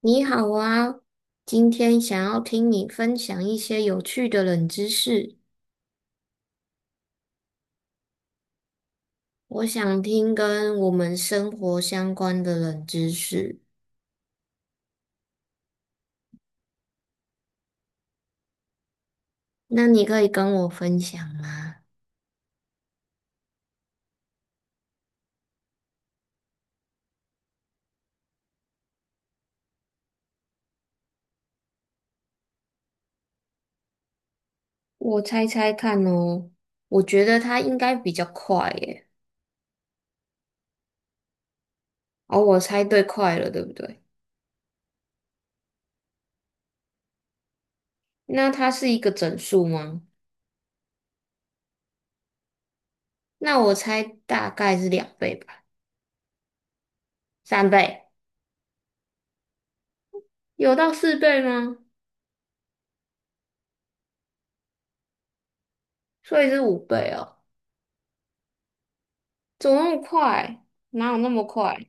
你好啊，今天想要听你分享一些有趣的冷知识，我想听跟我们生活相关的冷知识，那你可以跟我分享吗？我猜猜看哦，我觉得它应该比较快耶。哦，我猜对快了，对不对？那它是一个整数吗？那我猜大概是两倍吧，三倍，有到四倍吗？所以是五倍哦，怎么那么快？哪有那么快？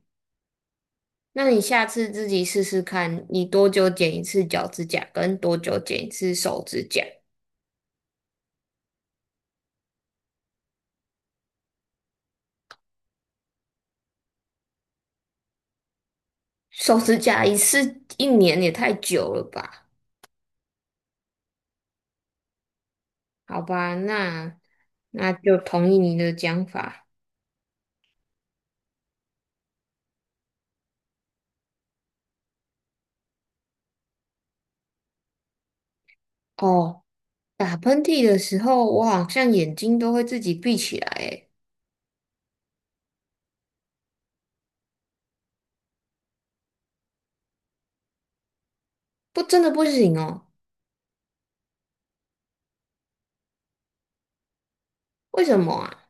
那你下次自己试试看，你多久剪一次脚趾甲，跟多久剪一次手指甲？手指甲一次一年也太久了吧？好吧，那就同意你的讲法。哦，打喷嚏的时候，我好像眼睛都会自己闭起来，诶，不，真的不行哦。为什么啊？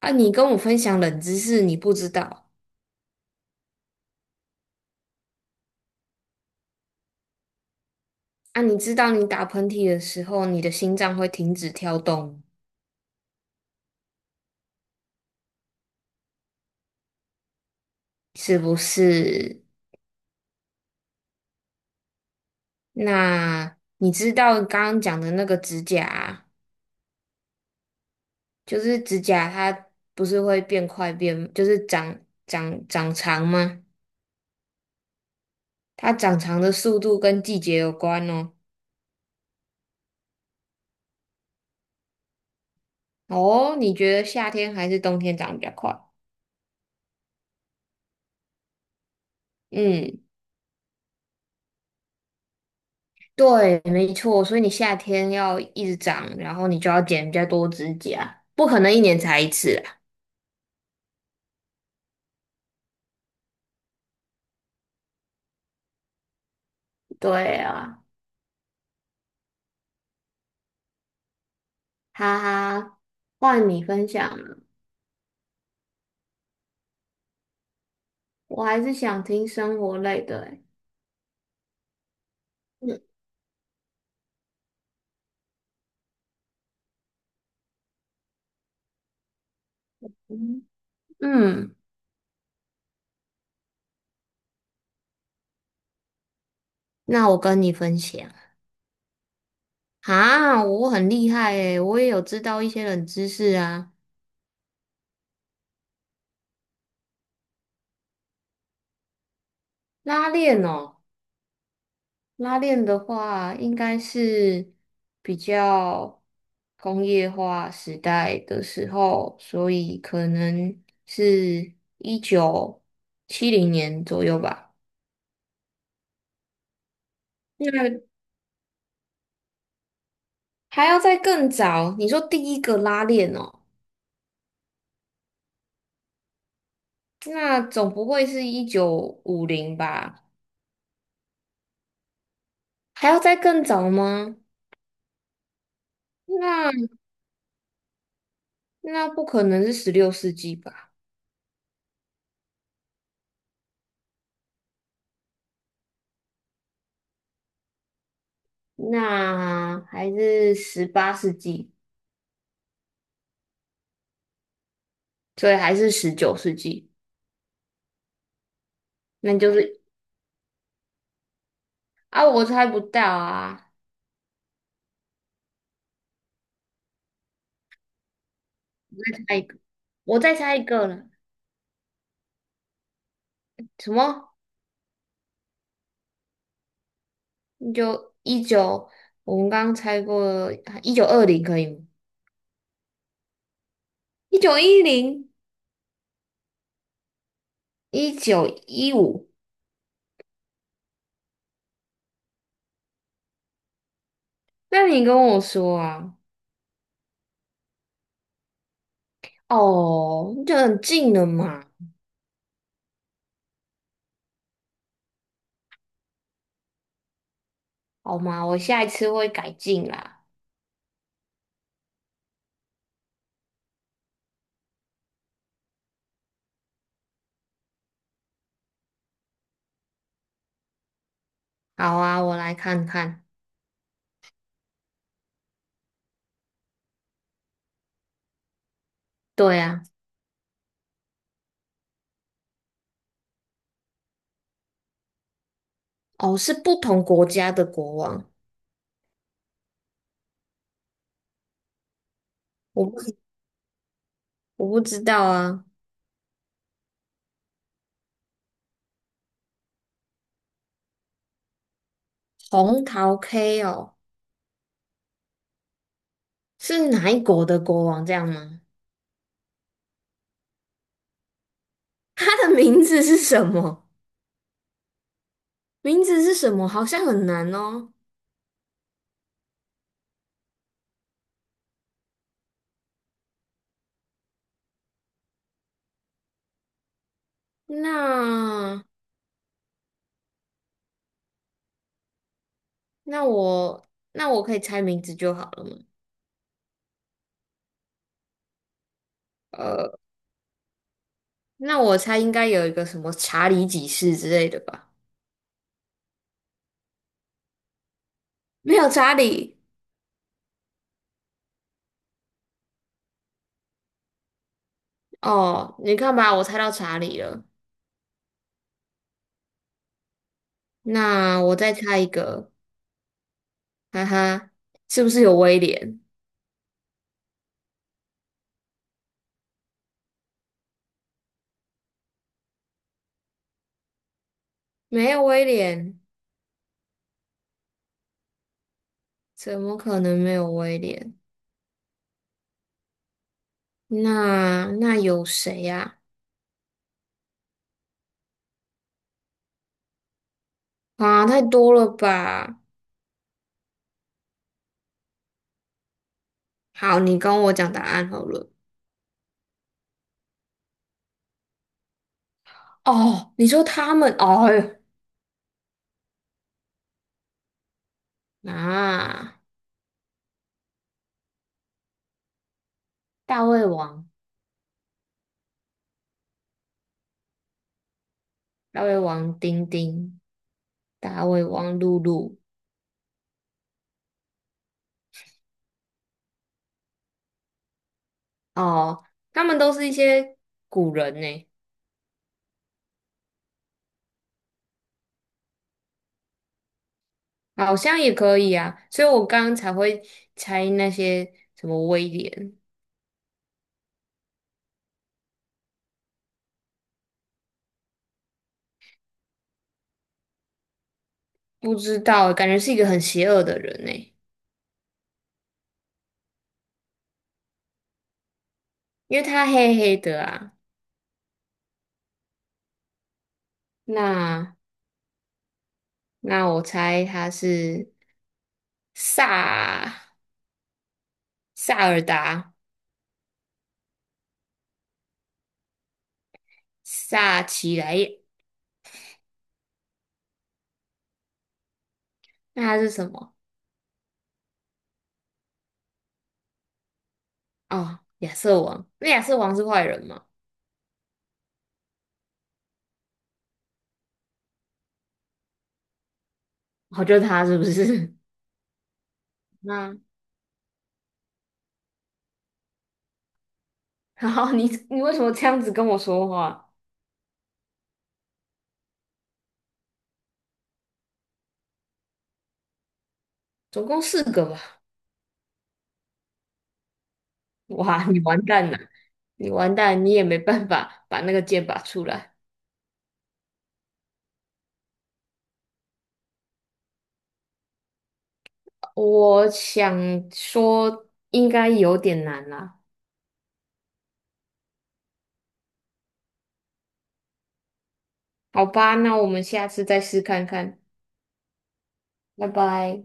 啊，你跟我分享冷知识，你不知道啊？你知道你打喷嚏的时候，你的心脏会停止跳动，是不是？那你知道刚刚讲的那个指甲啊就是指甲它不是会变快变，就是长长长长吗？它长长的速度跟季节有关哦。哦，你觉得夏天还是冬天长比较快？嗯，对，没错，所以你夏天要一直长，然后你就要剪比较多指甲，不可能一年才一次啊。对啊，哈哈，换你分享了，我还是想听生活类的欸。嗯嗯嗯，那我跟你分享啊，我很厉害诶，我也有知道一些冷知识啊。拉链哦，拉链的话应该是比较工业化时代的时候，所以可能是1970年左右吧。那还要再更早，你说第一个拉链哦，那总不会是1950吧？还要再更早吗？那那不可能是16世纪吧？那还是18世纪，所以还是19世纪。那就是啊，我猜不到啊，猜一个，我再猜一个了。什么？你就一九，我们刚刚猜过1920可以吗？1910，1915。那你跟我说啊，哦，就很近了嘛，好吗？我下一次会改进啦。好啊，我来看看。对啊。哦，是不同国家的国王，我不我不知道啊。红桃 K 哦，是哪一国的国王这样吗？他的名字是什么？名字是什么？好像很难哦。那那我我可以猜名字就好了嘛。呃，那我猜应该有一个什么查理几世之类的吧？没有查理哦，你看吧，我猜到查理了。那我再猜一个，哈哈，是不是有威廉？没有威廉，怎么可能没有威廉？那有谁呀、啊？太多了吧？好，你跟我讲答案好了。哦，你说他们，哦呦，啊，大胃王、大胃王丁丁、大胃王露露，哦，他们都是一些古人呢，好像也可以啊，所以我刚刚才会猜那些什么威廉，不知道，感觉是一个很邪恶的人呢。因为他黑黑的啊，那那我猜他是萨萨尔达萨奇莱耶，那他是什么？哦，亚瑟王，那亚瑟王是坏人吗？哦，就是他是不是？那然后你为什么这样子跟我说话？总共四个吧？哇，你完蛋了，你完蛋，你也没办法把那个剑拔出来。我想说应该有点难啦，好吧，那我们下次再试看看。拜拜。